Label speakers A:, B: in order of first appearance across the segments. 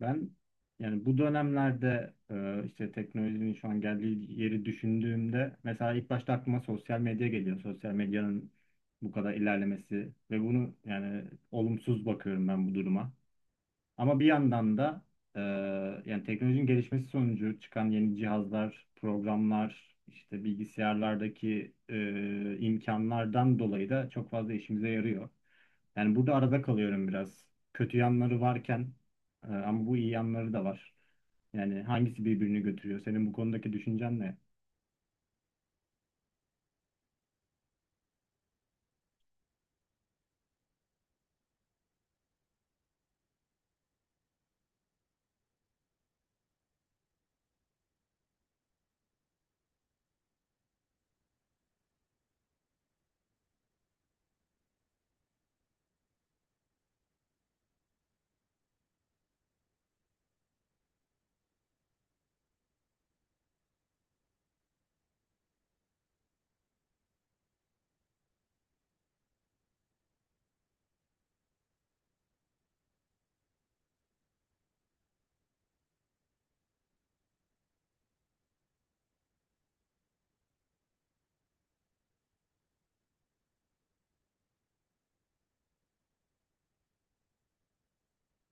A: Ben yani bu dönemlerde işte teknolojinin şu an geldiği yeri düşündüğümde mesela ilk başta aklıma sosyal medya geliyor. Sosyal medyanın bu kadar ilerlemesi ve bunu yani olumsuz bakıyorum ben bu duruma. Ama bir yandan da e, yani teknolojinin gelişmesi sonucu çıkan yeni cihazlar, programlar, işte bilgisayarlardaki imkanlardan dolayı da çok fazla işimize yarıyor. Yani burada arada kalıyorum biraz. Kötü yanları varken ama bu iyi yanları da var. Yani hangisi birbirini götürüyor? Senin bu konudaki düşüncen ne?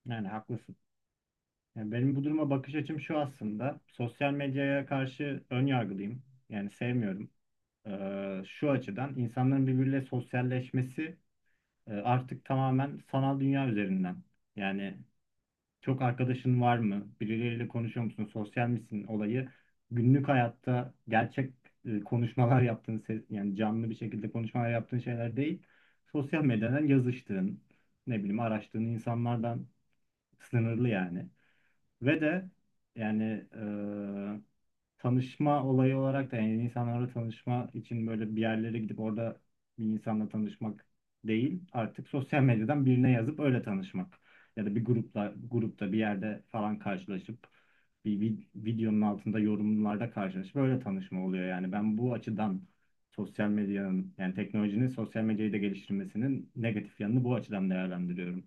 A: Yani haklısın. Yani benim bu duruma bakış açım şu aslında. Sosyal medyaya karşı ön yargılıyım. Yani sevmiyorum. Şu açıdan insanların birbiriyle sosyalleşmesi artık tamamen sanal dünya üzerinden. Yani çok arkadaşın var mı? Birileriyle konuşuyor musun? Sosyal misin olayı günlük hayatta gerçek konuşmalar yaptığın ses, yani canlı bir şekilde konuşmalar yaptığın şeyler değil. Sosyal medyadan yazıştığın, ne bileyim araştığın insanlardan sınırlı yani. Ve de yani eee, tanışma olayı olarak da yani insanlarla tanışma için böyle bir yerlere gidip orada bir insanla tanışmak değil. Artık sosyal medyadan birine yazıp öyle tanışmak. Ya da bir grupla grupta bir yerde falan karşılaşıp videonun altında yorumlarda karşılaşıp öyle tanışma oluyor yani. Ben bu açıdan sosyal medyanın yani teknolojinin sosyal medyayı da geliştirmesinin negatif yanını bu açıdan değerlendiriyorum.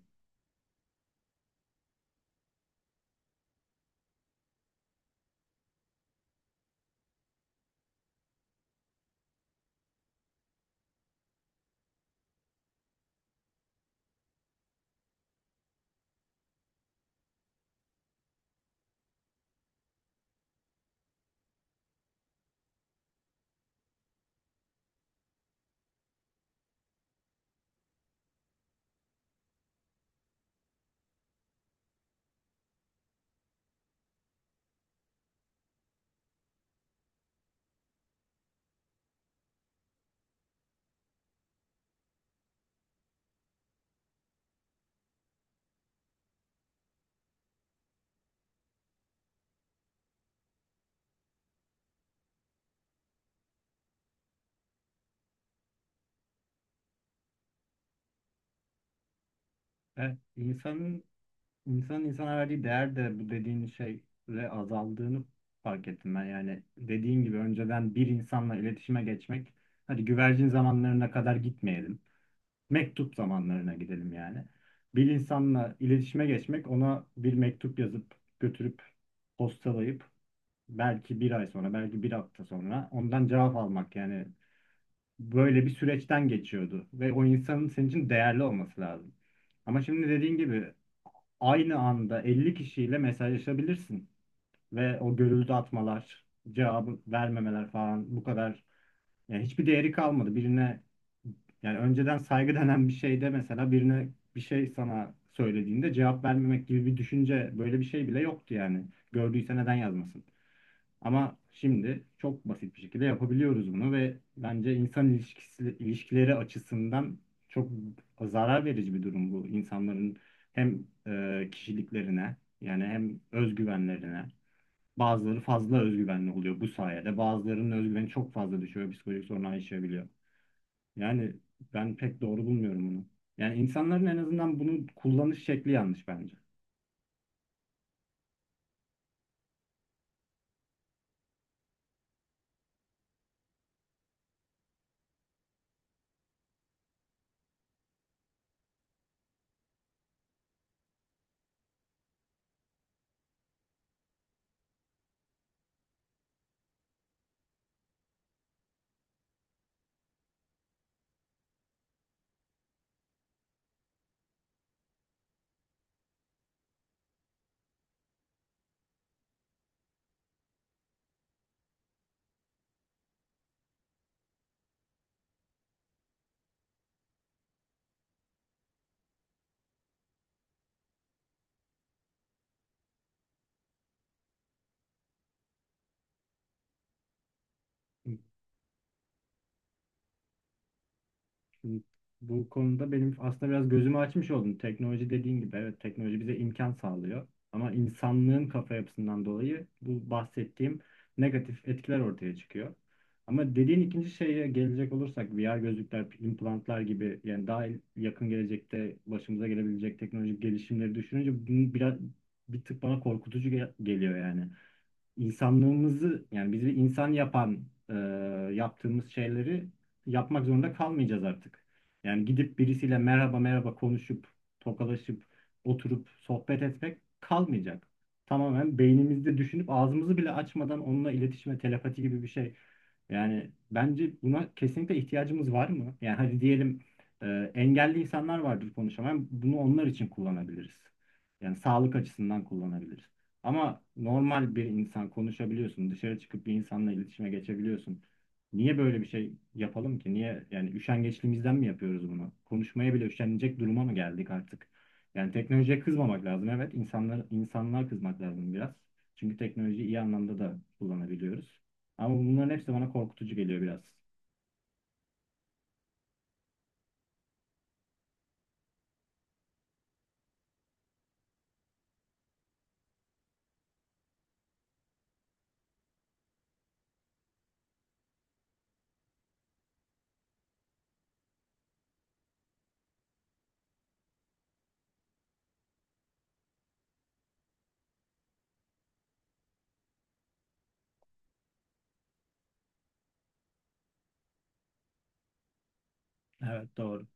A: Evet, insanın insana verdiği değer de bu dediğin şeyle azaldığını fark ettim ben. Yani dediğin gibi önceden bir insanla iletişime geçmek, hadi güvercin zamanlarına kadar gitmeyelim. Mektup zamanlarına gidelim yani. Bir insanla iletişime geçmek, ona bir mektup yazıp götürüp postalayıp belki bir ay sonra, belki bir hafta sonra ondan cevap almak yani böyle bir süreçten geçiyordu ve o insanın senin için değerli olması lazım. Ama şimdi dediğin gibi aynı anda 50 kişiyle mesajlaşabilirsin ve o görüldü atmalar, cevabı vermemeler falan bu kadar yani hiçbir değeri kalmadı. Birine yani önceden saygı denen bir şeyde mesela birine bir şey sana söylediğinde cevap vermemek gibi bir düşünce böyle bir şey bile yoktu yani. Gördüyse neden yazmasın? Ama şimdi çok basit bir şekilde yapabiliyoruz bunu ve bence insan ilişkisi, ilişkileri açısından çok zarar verici bir durum bu. İnsanların hem kişiliklerine yani hem özgüvenlerine bazıları fazla özgüvenli oluyor bu sayede. Bazılarının özgüveni çok fazla düşüyor, psikolojik sorunlar yaşayabiliyor. Yani ben pek doğru bulmuyorum bunu. Yani insanların en azından bunu kullanış şekli yanlış bence. Şimdi bu konuda benim aslında biraz gözümü açmış oldum. Teknoloji dediğin gibi evet teknoloji bize imkan sağlıyor. Ama insanlığın kafa yapısından dolayı bu bahsettiğim negatif etkiler ortaya çıkıyor. Ama dediğin ikinci şeye gelecek olursak VR gözlükler, implantlar gibi yani daha yakın gelecekte başımıza gelebilecek teknolojik gelişimleri düşününce bunu biraz bir tık bana korkutucu geliyor yani insanlığımızı yani bizi insan yapan yaptığımız şeyleri yapmak zorunda kalmayacağız artık. Yani gidip birisiyle merhaba merhaba konuşup tokalaşıp oturup sohbet etmek kalmayacak. Tamamen beynimizde düşünüp ağzımızı bile açmadan onunla iletişime telepati gibi bir şey. Yani bence buna kesinlikle ihtiyacımız var mı? Yani hadi diyelim engelli insanlar vardır konuşamayan. Bunu onlar için kullanabiliriz. Yani sağlık açısından kullanabiliriz. Ama normal bir insan konuşabiliyorsun, dışarı çıkıp bir insanla iletişime geçebiliyorsun. Niye böyle bir şey yapalım ki? Niye yani üşengeçliğimizden mi yapıyoruz bunu? Konuşmaya bile üşenecek duruma mı geldik artık? Yani teknolojiye kızmamak lazım. Evet, insanlar kızmak lazım biraz. Çünkü teknolojiyi iyi anlamda da kullanabiliyoruz. Ama bunların hepsi bana korkutucu geliyor biraz. Evet, doğru.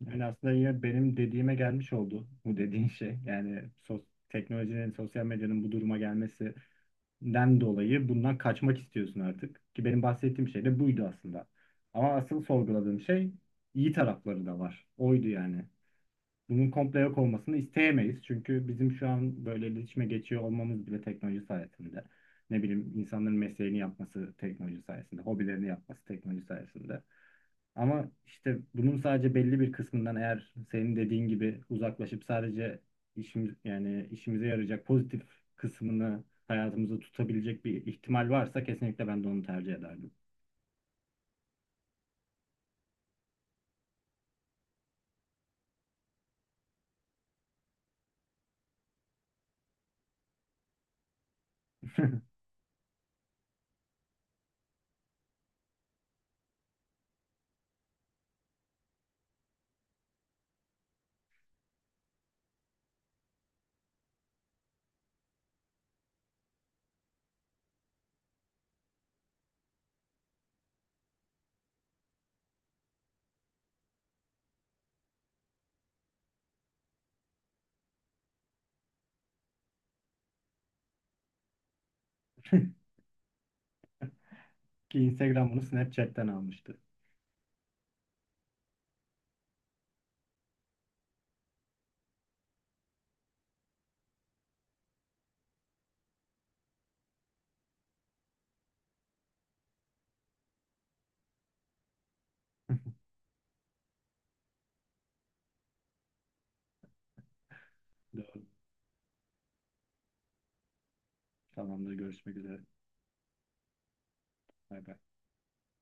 A: Yani aslında yine benim dediğime gelmiş oldu bu dediğin şey. Yani teknolojinin, sosyal medyanın bu duruma gelmesi den dolayı bundan kaçmak istiyorsun artık. Ki benim bahsettiğim şey de buydu aslında. Ama asıl sorguladığım şey iyi tarafları da var. Oydu yani bunun komple yok olmasını isteyemeyiz. Çünkü bizim şu an böyle iletişime geçiyor olmamız bile teknoloji sayesinde. Ne bileyim insanların mesleğini yapması teknoloji sayesinde, hobilerini yapması teknoloji sayesinde. Ama işte bunun sadece belli bir kısmından eğer senin dediğin gibi uzaklaşıp sadece işimiz yani işimize yarayacak pozitif kısmını hayatımızda tutabilecek bir ihtimal varsa kesinlikle ben de onu tercih ederdim. Ki Instagram bunu Snapchat'ten almıştı. Doğru. Tamamdır. Görüşmek üzere. Bay bay.